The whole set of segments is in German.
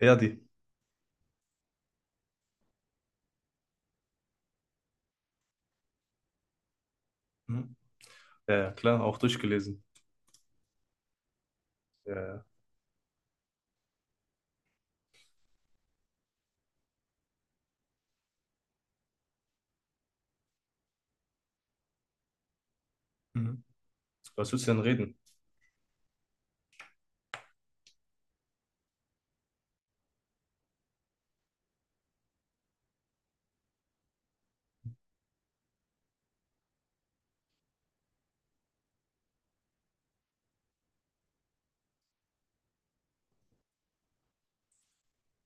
Ja, die. Mhm. Ja, ja, klar, auch durchgelesen. Ja, ja. Mhm. Was willst du denn reden?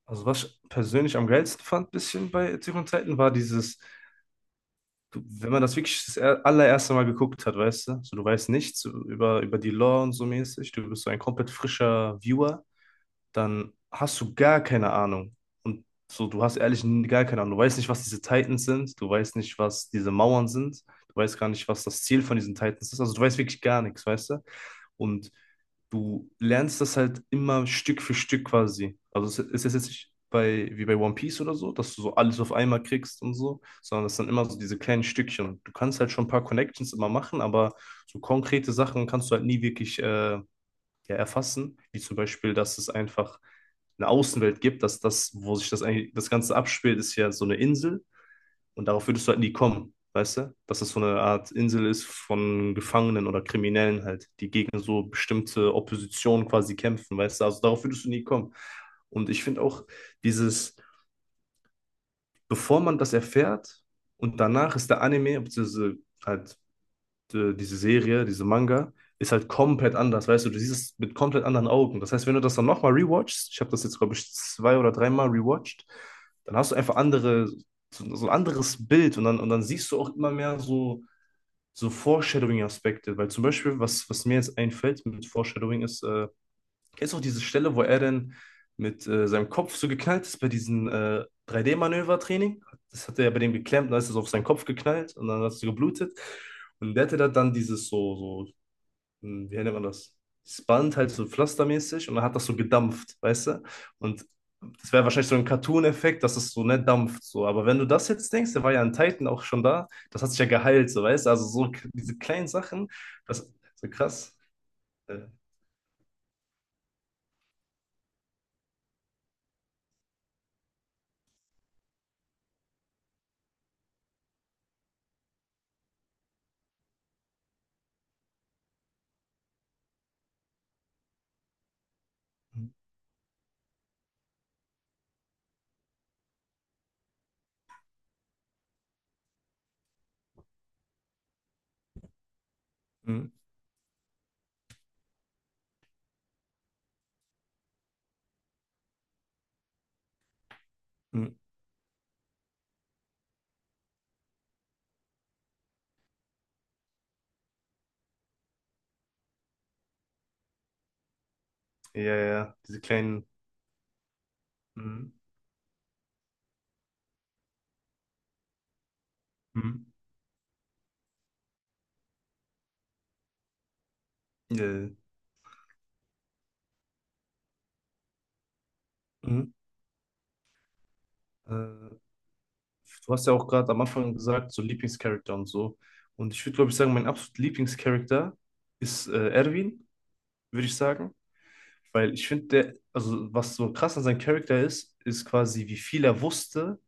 Also, was ich persönlich am geilsten fand, bisschen bei Zurück in Zeiten, war dieses, du, wenn man das wirklich allererste Mal geguckt hat, weißt du, so du weißt nichts so über die Lore und so mäßig, du bist so ein komplett frischer Viewer, dann hast du gar keine Ahnung. Und so, du hast ehrlich gar keine Ahnung. Du weißt nicht, was diese Titans sind, du weißt nicht, was diese Mauern sind, du weißt gar nicht, was das Ziel von diesen Titans ist. Also, du weißt wirklich gar nichts, weißt du? Und du lernst das halt immer Stück für Stück quasi. Also es ist jetzt nicht bei, wie bei One Piece oder so, dass du so alles auf einmal kriegst und so, sondern es sind immer so diese kleinen Stückchen. Du kannst halt schon ein paar Connections immer machen, aber so konkrete Sachen kannst du halt nie wirklich ja, erfassen, wie zum Beispiel, dass es einfach eine Außenwelt gibt, dass das, wo sich das eigentlich, das Ganze abspielt, ist ja so eine Insel und darauf würdest du halt nie kommen, weißt du? Dass das so eine Art Insel ist von Gefangenen oder Kriminellen halt, die gegen so bestimmte Opposition quasi kämpfen, weißt du? Also darauf würdest du nie kommen. Und ich finde auch dieses, bevor man das erfährt und danach ist der Anime, beziehungsweise halt diese Serie, diese Manga, ist halt komplett anders, weißt du, du siehst es mit komplett anderen Augen. Das heißt, wenn du das dann nochmal rewatchst, ich habe das jetzt, glaube ich, zwei oder dreimal rewatcht, dann hast du einfach andere, so ein anderes Bild und dann siehst du auch immer mehr so Foreshadowing-Aspekte, weil zum Beispiel, was mir jetzt einfällt mit Foreshadowing ist. Kennst du auch diese Stelle, wo er denn mit seinem Kopf so geknallt ist bei diesem 3D-Manövertraining? Das hat er ja bei dem geklemmt, dann ist es auf seinen Kopf geknallt und dann hat es so geblutet. Und der hatte da dann dieses so, wie nennt man das? Das Band halt so pflastermäßig und dann hat das so gedampft, weißt du? Und das wäre wahrscheinlich so ein Cartoon-Effekt, dass es so nicht dampft, so. Aber wenn du das jetzt denkst, der war ja in Titan auch schon da, das hat sich ja geheilt, so, weißt du? Also so diese kleinen Sachen, das so krass. Äh, mm, mm. Ja, ja, diese kleinen. Mhm. Mhm. Äh, mhm. Äh, Du hast ja auch gerade am Anfang gesagt, so Lieblingscharakter und so. Und ich würde, glaube ich, sagen, mein absolut Lieblingscharakter ist Erwin, würde ich sagen. Weil ich finde, der, also was so krass an seinem Charakter ist, ist quasi, wie viel er wusste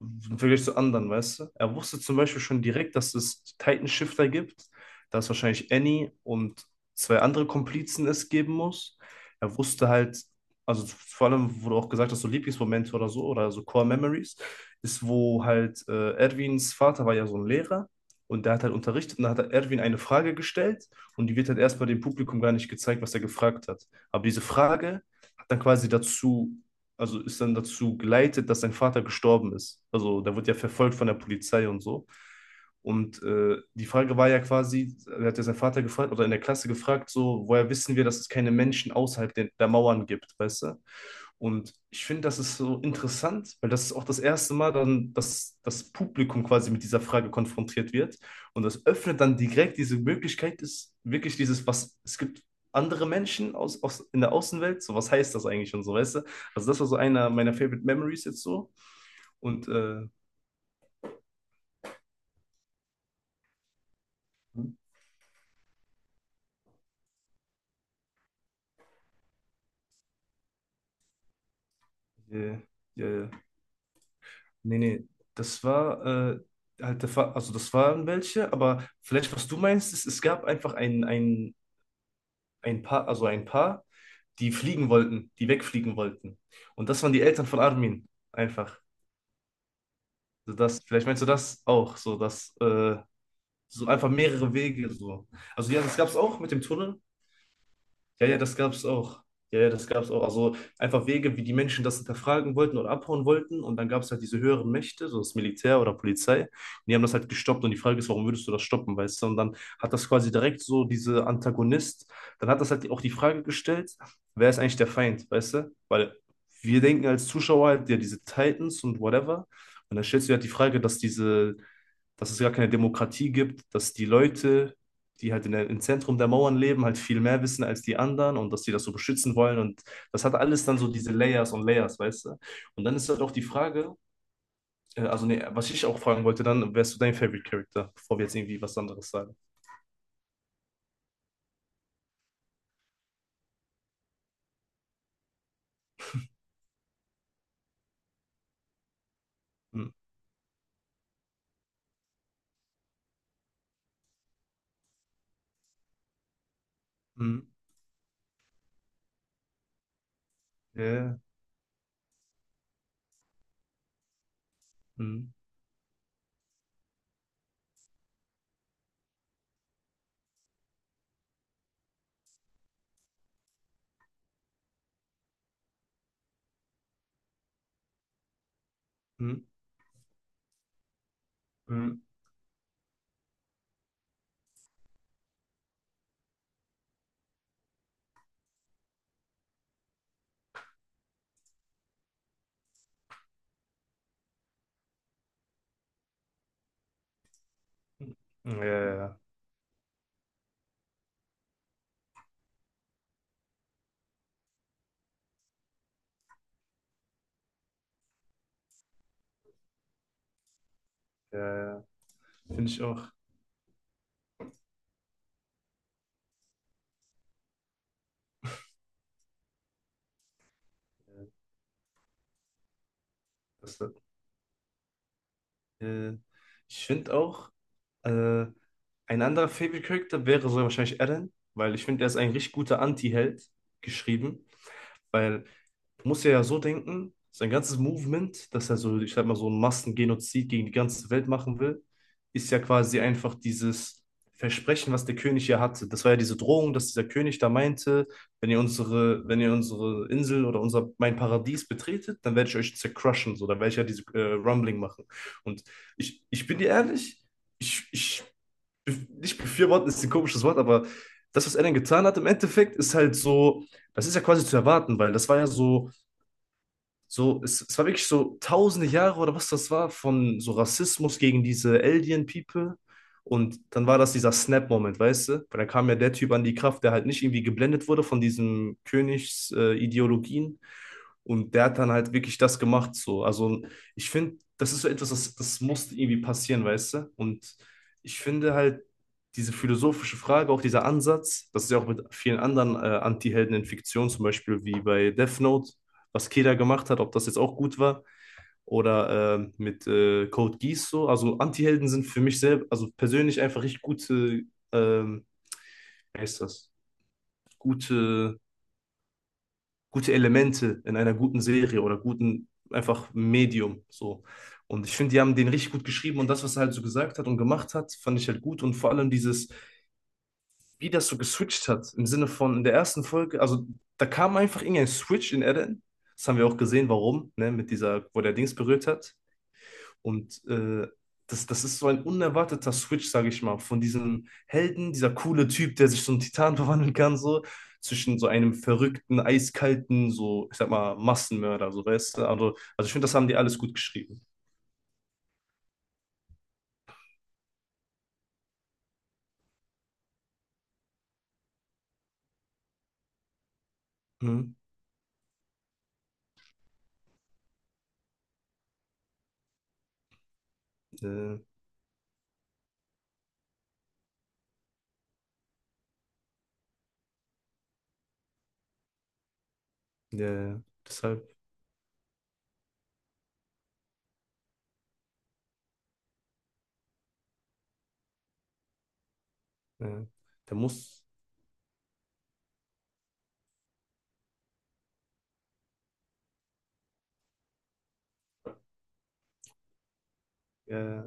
im Vergleich zu anderen, weißt du? Er wusste zum Beispiel schon direkt, dass es Titan Shifter gibt, dass wahrscheinlich Annie und zwei andere Komplizen es geben muss. Er wusste halt, also vor allem, wo du auch gesagt hast, so Lieblingsmomente oder so Core Memories, ist, wo halt Erwins Vater war ja so ein Lehrer und der hat halt unterrichtet und da hat er Erwin eine Frage gestellt und die wird halt erstmal dem Publikum gar nicht gezeigt, was er gefragt hat. Aber diese Frage hat dann quasi dazu also ist dann dazu geleitet, dass sein Vater gestorben ist. Also der wird ja verfolgt von der Polizei und so. Und die Frage war ja quasi, er hat ja seinen Vater gefragt oder in der Klasse gefragt, so, woher wissen wir, dass es keine Menschen außerhalb der Mauern gibt, weißt du? Und ich finde, das ist so interessant, weil das ist auch das erste Mal dann, dass das Publikum quasi mit dieser Frage konfrontiert wird. Und das öffnet dann direkt diese Möglichkeit, ist wirklich dieses, was, es gibt andere Menschen in der Außenwelt, so was heißt das eigentlich und so, weißt du? Also das war so einer meiner Favorite Memories jetzt so. Und äh, äh, nee, nee, das war äh, halt der Fa also das waren welche, aber vielleicht was du meinst, ist, es gab einfach ein Paar, also ein Paar, die fliegen wollten, die wegfliegen wollten. Und das waren die Eltern von Armin, einfach. So das, vielleicht meinst du das auch, so dass so einfach mehrere Wege so. Also ja, das gab es auch mit dem Tunnel, ja, ja, das gab's auch. Ja, ja, das gab's auch. Also einfach Wege, wie die Menschen das hinterfragen wollten oder abhauen wollten. Und dann gab's halt diese höheren Mächte, so das Militär oder Polizei. Die haben das halt gestoppt. Und die Frage ist, warum würdest du das stoppen, weißt du? Und dann hat das quasi direkt so diese Antagonist, dann hat das halt auch die Frage gestellt, wer ist eigentlich der Feind, weißt du? Weil wir denken als Zuschauer halt, ja, diese Titans und whatever. Und dann stellst du dir halt die Frage, dass es gar keine Demokratie gibt, dass die Leute, die halt im Zentrum der Mauern leben, halt viel mehr wissen als die anderen und dass die das so beschützen wollen. Und das hat alles dann so diese Layers und Layers, weißt du? Und dann ist halt auch die Frage, also nee, was ich auch fragen wollte, dann wärst du dein Favorite Character, bevor wir jetzt irgendwie was anderes sagen. Hm, hm, ja, hm, hm, hm, hm. Ja, ja, ja, ja, ja. Finde ich auch. Ja, Das, Äh, ich finde auch, äh, ein anderer Favorite Character wäre so wahrscheinlich Eren, weil ich finde, er ist ein richtig guter Anti-Held geschrieben, weil muss ja so denken, sein ganzes Movement, dass er so, ich sag mal, so einen Massengenozid gegen die ganze Welt machen will, ist ja quasi einfach dieses Versprechen, was der König ja hatte. Das war ja diese Drohung, dass dieser König da meinte, wenn ihr unsere Insel oder unser, mein Paradies betretet, dann werde ich euch zercrushen, so, dann werde ich ja diese Rumbling machen. Und ich bin dir ehrlich, ich, ich, nicht befürworten ist ein komisches Wort, aber das, was er dann getan hat, im Endeffekt ist halt so, das ist ja quasi zu erwarten, weil das war ja so, es war wirklich so tausende Jahre oder was das war von so Rassismus gegen diese Alien People. Und dann war das dieser Snap-Moment, weißt du? Weil dann kam ja der Typ an die Kraft, der halt nicht irgendwie geblendet wurde von diesen Königsideologien. Ideologien. Und der hat dann halt wirklich das gemacht, so. Also, ich finde, das ist so etwas, das musste irgendwie passieren, weißt du? Und ich finde halt, diese philosophische Frage, auch dieser Ansatz, das ist ja auch mit vielen anderen Antihelden in Fiktion, zum Beispiel wie bei Death Note, was Keda gemacht hat, ob das jetzt auch gut war oder mit Code Geass so. Also Antihelden sind für mich selber, also persönlich einfach richtig gute, ähm, wie heißt das, gute, gute Elemente in einer guten Serie oder guten, einfach Medium so. Und ich finde, die haben den richtig gut geschrieben und das, was er halt so gesagt hat und gemacht hat, fand ich halt gut. Und vor allem dieses, wie das so geswitcht hat, im Sinne von in der ersten Folge, also da kam einfach irgendein Switch in Eren. Das haben wir auch gesehen, warum, ne, mit dieser, wo der Dings berührt hat. Und das ist so ein unerwarteter Switch, sage ich mal, von diesem Helden, dieser coole Typ, der sich so einen Titan verwandeln kann, so, zwischen so einem verrückten, eiskalten, so, ich sag mal, Massenmörder, so, weißt du? Also, ich finde, das haben die alles gut geschrieben. Mhm. Äh, ja, deshalb, äh, der muss, äh,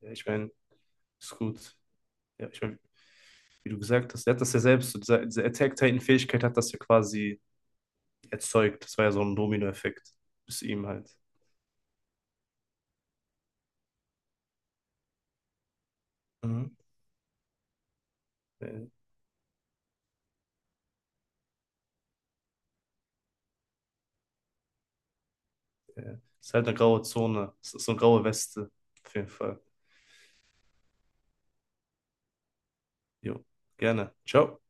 ja, ich meine, ist gut. Ja, ich meine, wie du gesagt hast, der hat das ja selbst, so diese Attack-Titan-Fähigkeit hat das ja quasi erzeugt. Das war ja so ein Domino-Effekt bis ihm halt. Mhm. Ja. Ja. Ist halt eine graue Zone. Es ist so eine graue Weste. Auf jeden Fall. Jo, gerne. Ciao.